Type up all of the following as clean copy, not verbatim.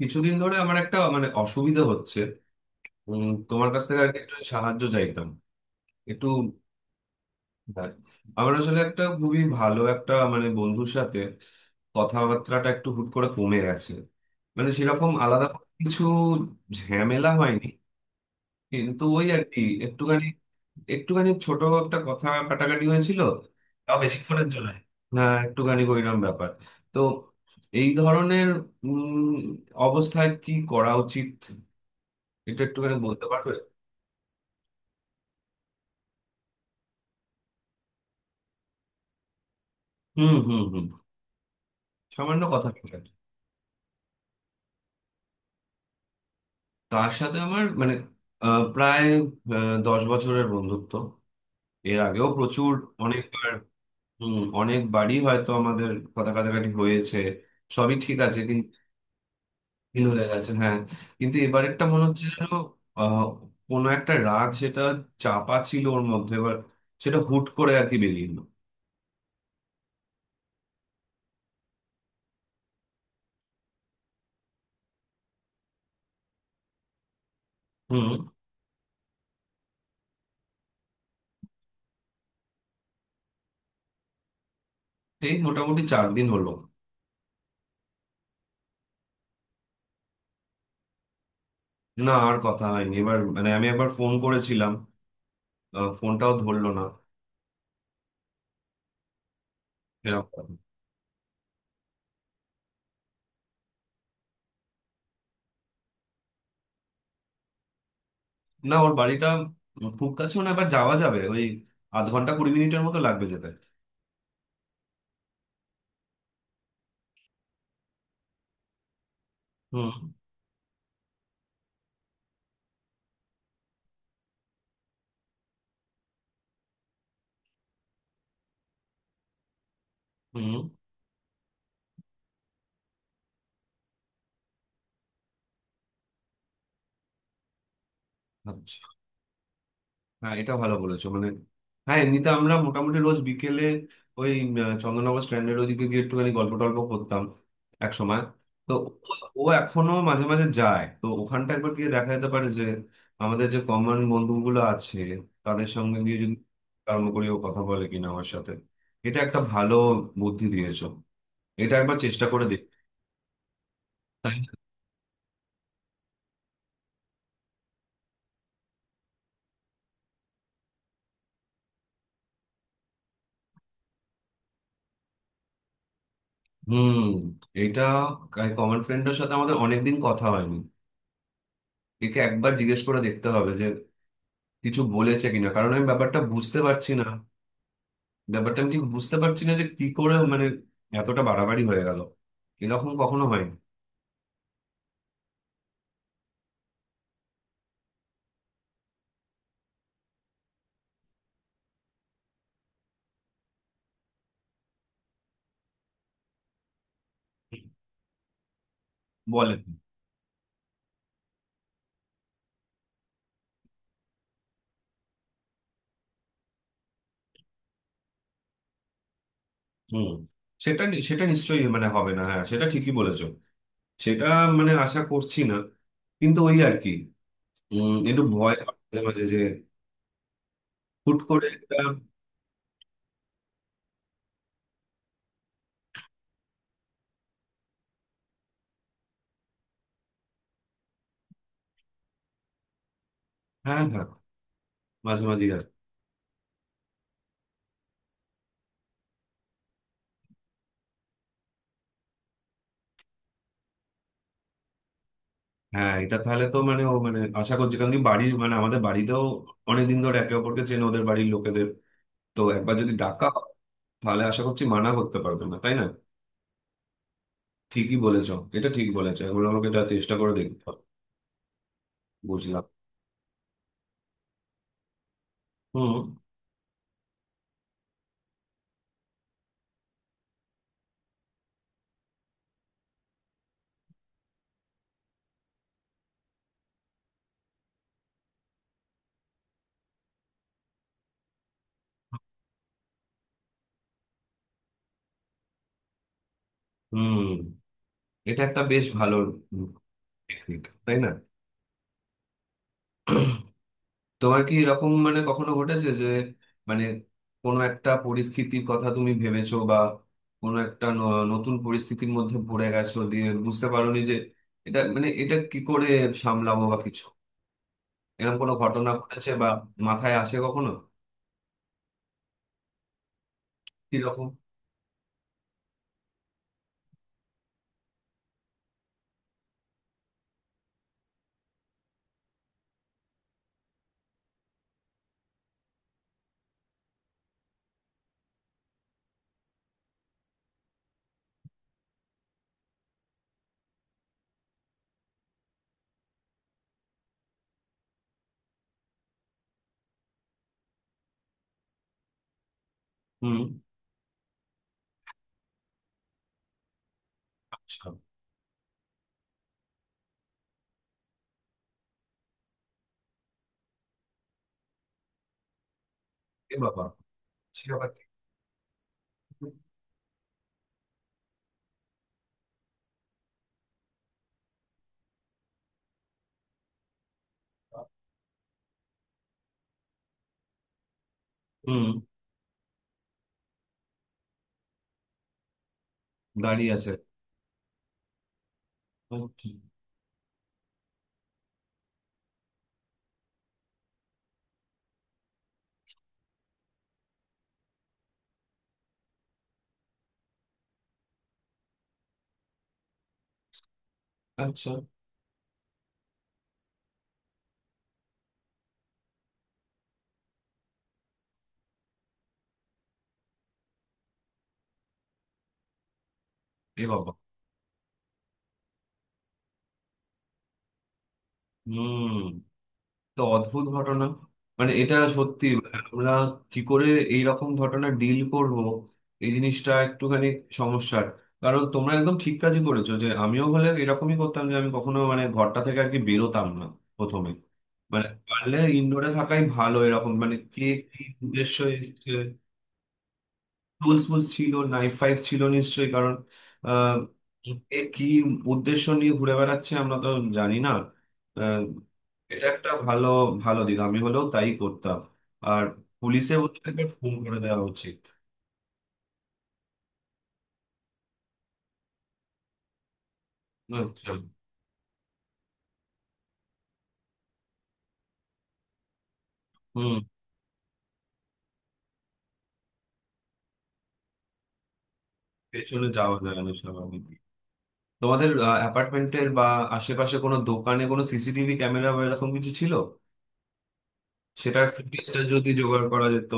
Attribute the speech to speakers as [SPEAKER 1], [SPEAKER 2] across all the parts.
[SPEAKER 1] কিছুদিন ধরে আমার একটা মানে অসুবিধা হচ্ছে। তোমার কাছ থেকে আর কি একটু সাহায্য চাইতাম, একটু। হ্যাঁ, আমার আসলে একটা খুবই ভালো একটা মানে বন্ধুর সাথে কথাবার্তাটা একটু হুট করে কমে গেছে। মানে সেরকম আলাদা করে কিছু ঝামেলা হয়নি, কিন্তু ওই আর কি একটুখানি, একটুখানি ছোট একটা কথা কাটাকাটি হয়েছিল। তাও বেশিক্ষণের জন্য। হ্যাঁ, একটুখানি ওইরকম ব্যাপার। তো এই ধরনের উম, অবস্থায় কি করা উচিত এটা একটুখানি বলতে পারবে? হুম হুম হুম, সামান্য কথা বলেন। তার সাথে আমার মানে প্রায় 10 বছরের বন্ধুত্ব। এর আগেও প্রচুর, অনেকবার। হুম, অনেকবারই হয়তো আমাদের কথা কাটাকাটি হয়েছে, সবই ঠিক আছে কিন্তু ভুল হয়ে গেছে, হ্যাঁ। কিন্তু এবার একটা মনে হচ্ছে যেন আহ, কোনো একটা রাগ, সেটা চাপা ছিল ওর মধ্যে, এবার সেটা হুট করে আর কি বেরিয়ে এলো। হুম। এই মোটামুটি 4 দিন হলো। না, আর কথা হয়নি, এবার মানে আমি একবার ফোন করেছিলাম, ফোনটাও ধরলো না, এরকম। না, ওর বাড়িটা খুব কাছেও না, এবার যাওয়া যাবে, ওই আধ ঘন্টা 20 মিনিটের মতো লাগবে যেতে। হুম হুম। আচ্ছা। হ্যাঁ এটা ভালো বলেছো মানে, হ্যাঁ এমনিতে আমরা মোটামুটি রোজ বিকেলে ওই চন্দননগর স্ট্যান্ডের ওদিকে গিয়ে একটুখানি গল্প টল্প করতাম এক সময়। তো ও, ও এখনো মাঝে মাঝে যায় তো ওখানটা একবার গিয়ে দেখা যেতে পারে যে আমাদের যে কমন বন্ধুগুলো আছে তাদের সঙ্গে গিয়ে যদি কর্ম করি, ও কথা বলে কিনা আমার সাথে। এটা একটা ভালো বুদ্ধি দিয়েছো। এটা একবার চেষ্টা করে দেখ। তাই না? হুম। এটা কমন ফ্রেন্ডের সাথে আমাদের অনেকদিন কথা হয়নি। একে একবার জিজ্ঞেস করে দেখতে হবে কিছু বলেছে কিনা, কারণ আমি ব্যাপারটা বুঝতে পারছি না। ব্যাপারটা আমি ঠিক বুঝতে পারছি না যে কি করে মানে এতটা বাড়াবাড়ি হয়ে গেল। এরকম কখনো হয়নি। বলেন। হুম। সেটা নিশ্চয়ই মানে হবে না, হ্যাঁ সেটা ঠিকই বলেছো। সেটা মানে আশা করছি না, কিন্তু ওই আর কি একটু ভয় পাই মাঝে মাঝে যে হুট করে একটা। হ্যাঁ হ্যাঁ, মাঝে মাঝে আসে। হ্যাঁ এটা তাহলে তো মানে ও মানে আশা করছি, কারণ কি বাড়ির মানে আমাদের বাড়িতেও অনেকদিন ধরে একে অপরকে চেনে ওদের বাড়ির লোকেদের, তো একবার যদি ডাকা হয় তাহলে আশা করছি মানা করতে পারবে না, তাই না? ঠিকই বলেছো, এটা ঠিক বলেছো, এখন আমাকে এটা চেষ্টা করে দেখতে হবে। বুঝলাম। হুম হুম। এটা একটা বেশ ভালো টেকনিক, তাই না? তোমার কি এরকম মানে কখনো ঘটেছে যে, মানে কোনো একটা পরিস্থিতির কথা তুমি ভেবেছো বা কোনো একটা নতুন পরিস্থিতির মধ্যে পড়ে গেছো দিয়ে বুঝতে পারোনি যে এটা মানে এটা কি করে সামলাবো বা কিছু, এরকম কোনো ঘটনা ঘটেছে বা মাথায় আসে কখনো? কিরকম? হুম। আচ্ছা। এ বাবা। সে আবার। হুম। দাঁড়িয়ে আছে। Okay. আচ্ছা। এ বাবা। হুম। তো অদ্ভুত ঘটনা, মানে এটা সত্যি মানে আমরা কি করে এই রকম ঘটনা ডিল করব, এই জিনিসটা একটুখানি সমস্যার। কারণ তোমরা একদম ঠিক কাজই করেছো, যে আমিও হলে এরকমই করতাম যে আমি কখনো মানে ঘরটা থেকে আর কি বেরোতাম না প্রথমে, মানে পারলে ইনডোরে থাকাই ভালো। এরকম মানে কে কি উদ্দেশ্য। টুলস ফুলস ছিল, নাইফ ফাইভ ছিল নিশ্চয়ই, কারণ আহ, এ কি উদ্দেশ্য নিয়ে ঘুরে বেড়াচ্ছে, আমরা তো জানি না। আহ, এটা একটা ভালো, ভালো দিক, আমি হলেও তাই করতাম। আর পুলিশে ওদেরকে ফোন করে দেওয়া উচিত। আচ্ছা। হুম। পেছনে যাওয়া যায় না, স্বাভাবিক। তোমাদের অ্যাপার্টমেন্টের বা আশেপাশে কোনো দোকানে কোনো সিসিটিভি ক্যামেরা বা এরকম কিছু ছিল? সেটার ফুটেজটা যদি জোগাড় করা যেত।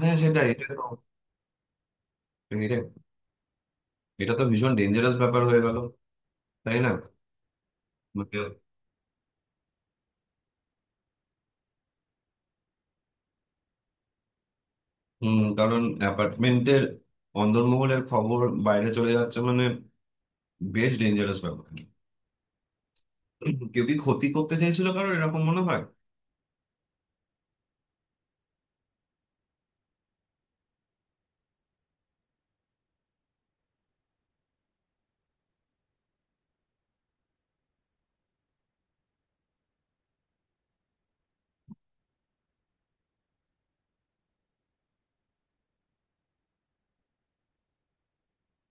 [SPEAKER 1] হ্যাঁ সেটাই, এটা তো, এটা এটা তো ভীষণ ডেঞ্জারাস ব্যাপার হয়ে গেল, তাই না। মানে, হুম। কারণ অ্যাপার্টমেন্টের অন্দরমহলের খবর বাইরে চলে যাচ্ছে, মানে বেশ ডেঞ্জারাস ব্যাপার। কেউ কি ক্ষতি করতে চাইছিল, কারণ এরকম মনে হয়।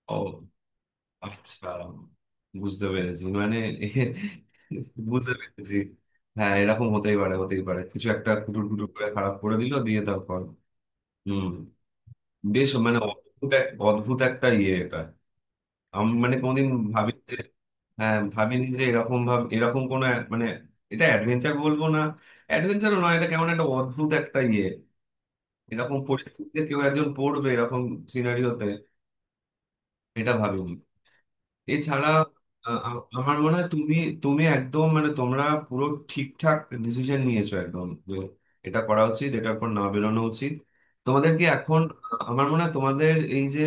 [SPEAKER 1] ও আচ্ছা, বুঝতে পেরেছি মানে এ- বুঝতে পেরেছি। হ্যাঁ এরকম হতেই পারে, হতেই পারে কিছু একটা কুটুর কুটুর করে খারাপ করে দিল দিয়ে তারপর, হুম। বেশ মানে অদ্ভুত অদ্ভুত একটা ইয়ে এটা। আমি মানে কোনোদিন ভাবি যে, হ্যাঁ ভাবিনি যে এরকম এরকম কোনো মানে এটা অ্যাডভেঞ্চার বলবো না, অ্যাডভেঞ্চারও নয়, এটা কেমন একটা অদ্ভুত একটা ইয়ে। এরকম পরিস্থিতিতে কেউ একজন পড়বে, এরকম সিনারিওতে এটা ভাবিনি। এছাড়া আ- আ- আমার মনে হয় তুমি, তুমি একদম মানে তোমরা পুরো ঠিকঠাক ডিসিশন নিয়েছো, একদম যে এটা করা উচিত, এটার পর না বেরোনো উচিত। তোমাদের কি এখন আ, আমার মনে হয় তোমাদের এই যে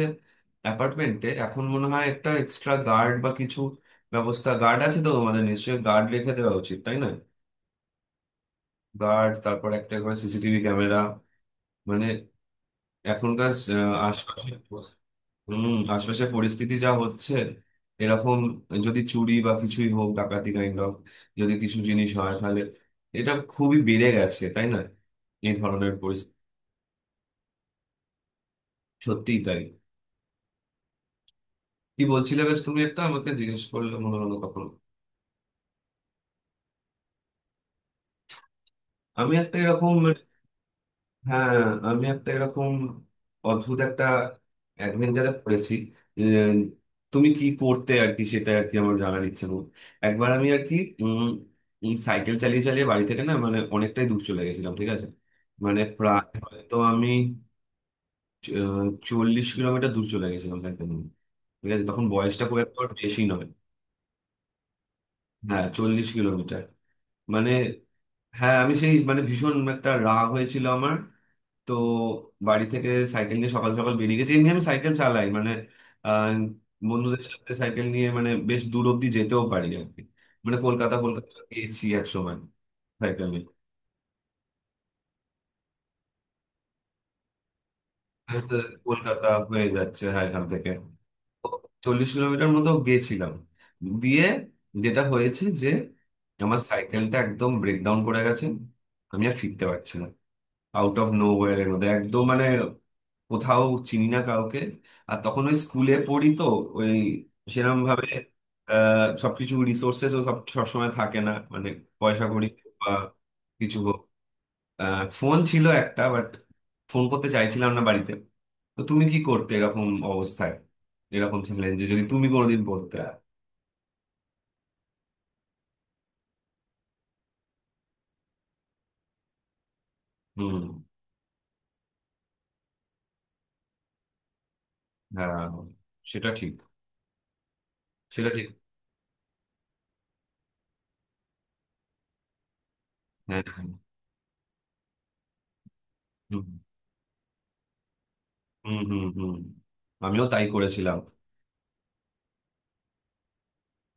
[SPEAKER 1] অ্যাপার্টমেন্টে এখন মনে হয় একটা এক্সট্রা গার্ড বা কিছু ব্যবস্থা। গার্ড আছে তো, তোমাদের নিশ্চয়ই গার্ড রেখে দেওয়া উচিত, তাই না? গার্ড, তারপর একটা করে সিসিটিভি ক্যামেরা, মানে এখনকার আ, আশপাশে, হম, আশপাশের পরিস্থিতি যা হচ্ছে, এরকম যদি চুরি বা কিছুই হোক, ডাকাতি কাইন্ড অফ, যদি কিছু জিনিস হয় তাহলে এটা খুবই বেড়ে গেছে তাই না, এই ধরনের পরিস্থিতি। সত্যিই তাই। কি বলছিলে বেশ, তুমি একটা আমাকে জিজ্ঞেস করলে মনে হলো কখন, আমি একটা এরকম। হ্যাঁ আমি একটা এরকম অদ্ভুত একটা অ্যাডভেঞ্চারে পড়েছি। এ, তুমি কি করতে আর কি সেটা আর কি আমার জানার ইচ্ছে করো। একবার আমি আর কি, উম, উম, সাইকেল চালিয়ে চালিয়ে বাড়ি থেকে না মানে অনেকটাই দূর চলে গেছিলাম, ঠিক আছে, মানে প্রায় হয়তো আমি চ- আহ, 40 কিলোমিটার দূর চলে গেছিলাম সাইকেল নিয়ে, ঠিক আছে, তখন বয়সটা খুব একটা বেশি নয়। হ্যাঁ, 40 কিলোমিটার। মানে হ্যাঁ আমি সেই মানে ভীষণ একটা রাগ হয়েছিল আমার, তো বাড়ি থেকে সাইকেল নিয়ে সকাল সকাল বেরিয়ে গেছি, এমনি আমি সাইকেল চালাই মানে আহ, বন্ধুদের সাথে সাইকেল নিয়ে মানে বেশ দূর অব্দি যেতেও পারি আর কি। মানে কলকাতা কলকাতা গিয়েছি এক সময় সাইকেল নিয়ে। আমি তো কলকাতা হয়ে যাচ্ছে, হ্যাঁ, এখান থেকে 40 কিলোমিটার মতো গেছিলাম, দিয়ে যেটা হয়েছে যে আমার সাইকেলটা একদম ব্রেকডাউন করে গেছে, আমি আর ফিরতে পারছি না। আউট অফ নো, এর মধ্যে একদম মানে কোথাও চিনি না কাউকে, আর তখন ওই স্কুলে পড়ি তো, ওই সেরকম ভাবে সবকিছু রিসোর্সেস সব সবসময় থাকে না, মানে পয়সা কড়ি বা কিছু হোক। ফোন ছিল একটা বাট ফোন করতে চাইছিলাম না বাড়িতে। তো তুমি কি করতে এরকম অবস্থায়, এরকম ছিলেন, যে যদি তুমি কোনোদিন পড়তে। হুম। হ্যাঁ সেটা ঠিক, সেটা ঠিক, হ্যাঁ হ্যাঁ। হুম হুম হুম হুম। আমিও তাই করেছিলাম।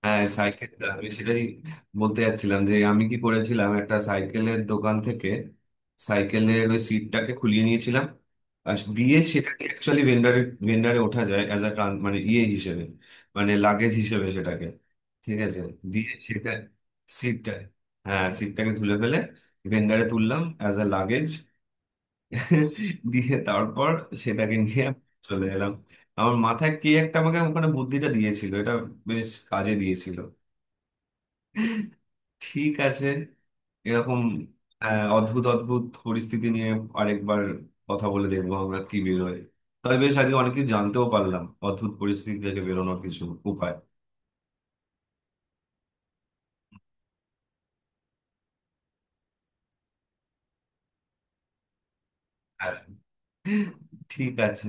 [SPEAKER 1] হ্যাঁ সাইকেলটা আমি সেটাই বলতে যাচ্ছিলাম যে আমি কি করেছিলাম, একটা সাইকেলের দোকান থেকে সাইকেলের ওই সিটটাকে খুলিয়ে নিয়েছিলাম, আর দিয়ে সেটাকে অ্যাকচুয়ালি ভেন্ডারে, ভেন্ডারে ওঠা যায় অ্যাজ আ মানে ইয়ে হিসেবে মানে লাগেজ হিসেবে সেটাকে, ঠিক আছে, দিয়ে সেটা, সিটটা, হ্যাঁ সিটটাকে তুলে ফেলে ভেন্ডারে তুললাম অ্যাজ আ লাগেজ, দিয়ে তারপর সেটাকে নিয়ে চলে এলাম। আমার মাথায় কে একটা আমাকে ওখানে বুদ্ধিটা দিয়েছিল, এটা বেশ কাজে দিয়েছিল। ঠিক আছে। এরকম অদ্ভুত অদ্ভুত পরিস্থিতি নিয়ে আরেকবার কথা বলে দেখবো আমরা কি বেরোয়। তবে বেশ আজকে অনেক কিছু জানতেও পারলাম অদ্ভুত পরিস্থিতি থেকে বেরোনোর কিছু উপায়। আর ঠিক আছে।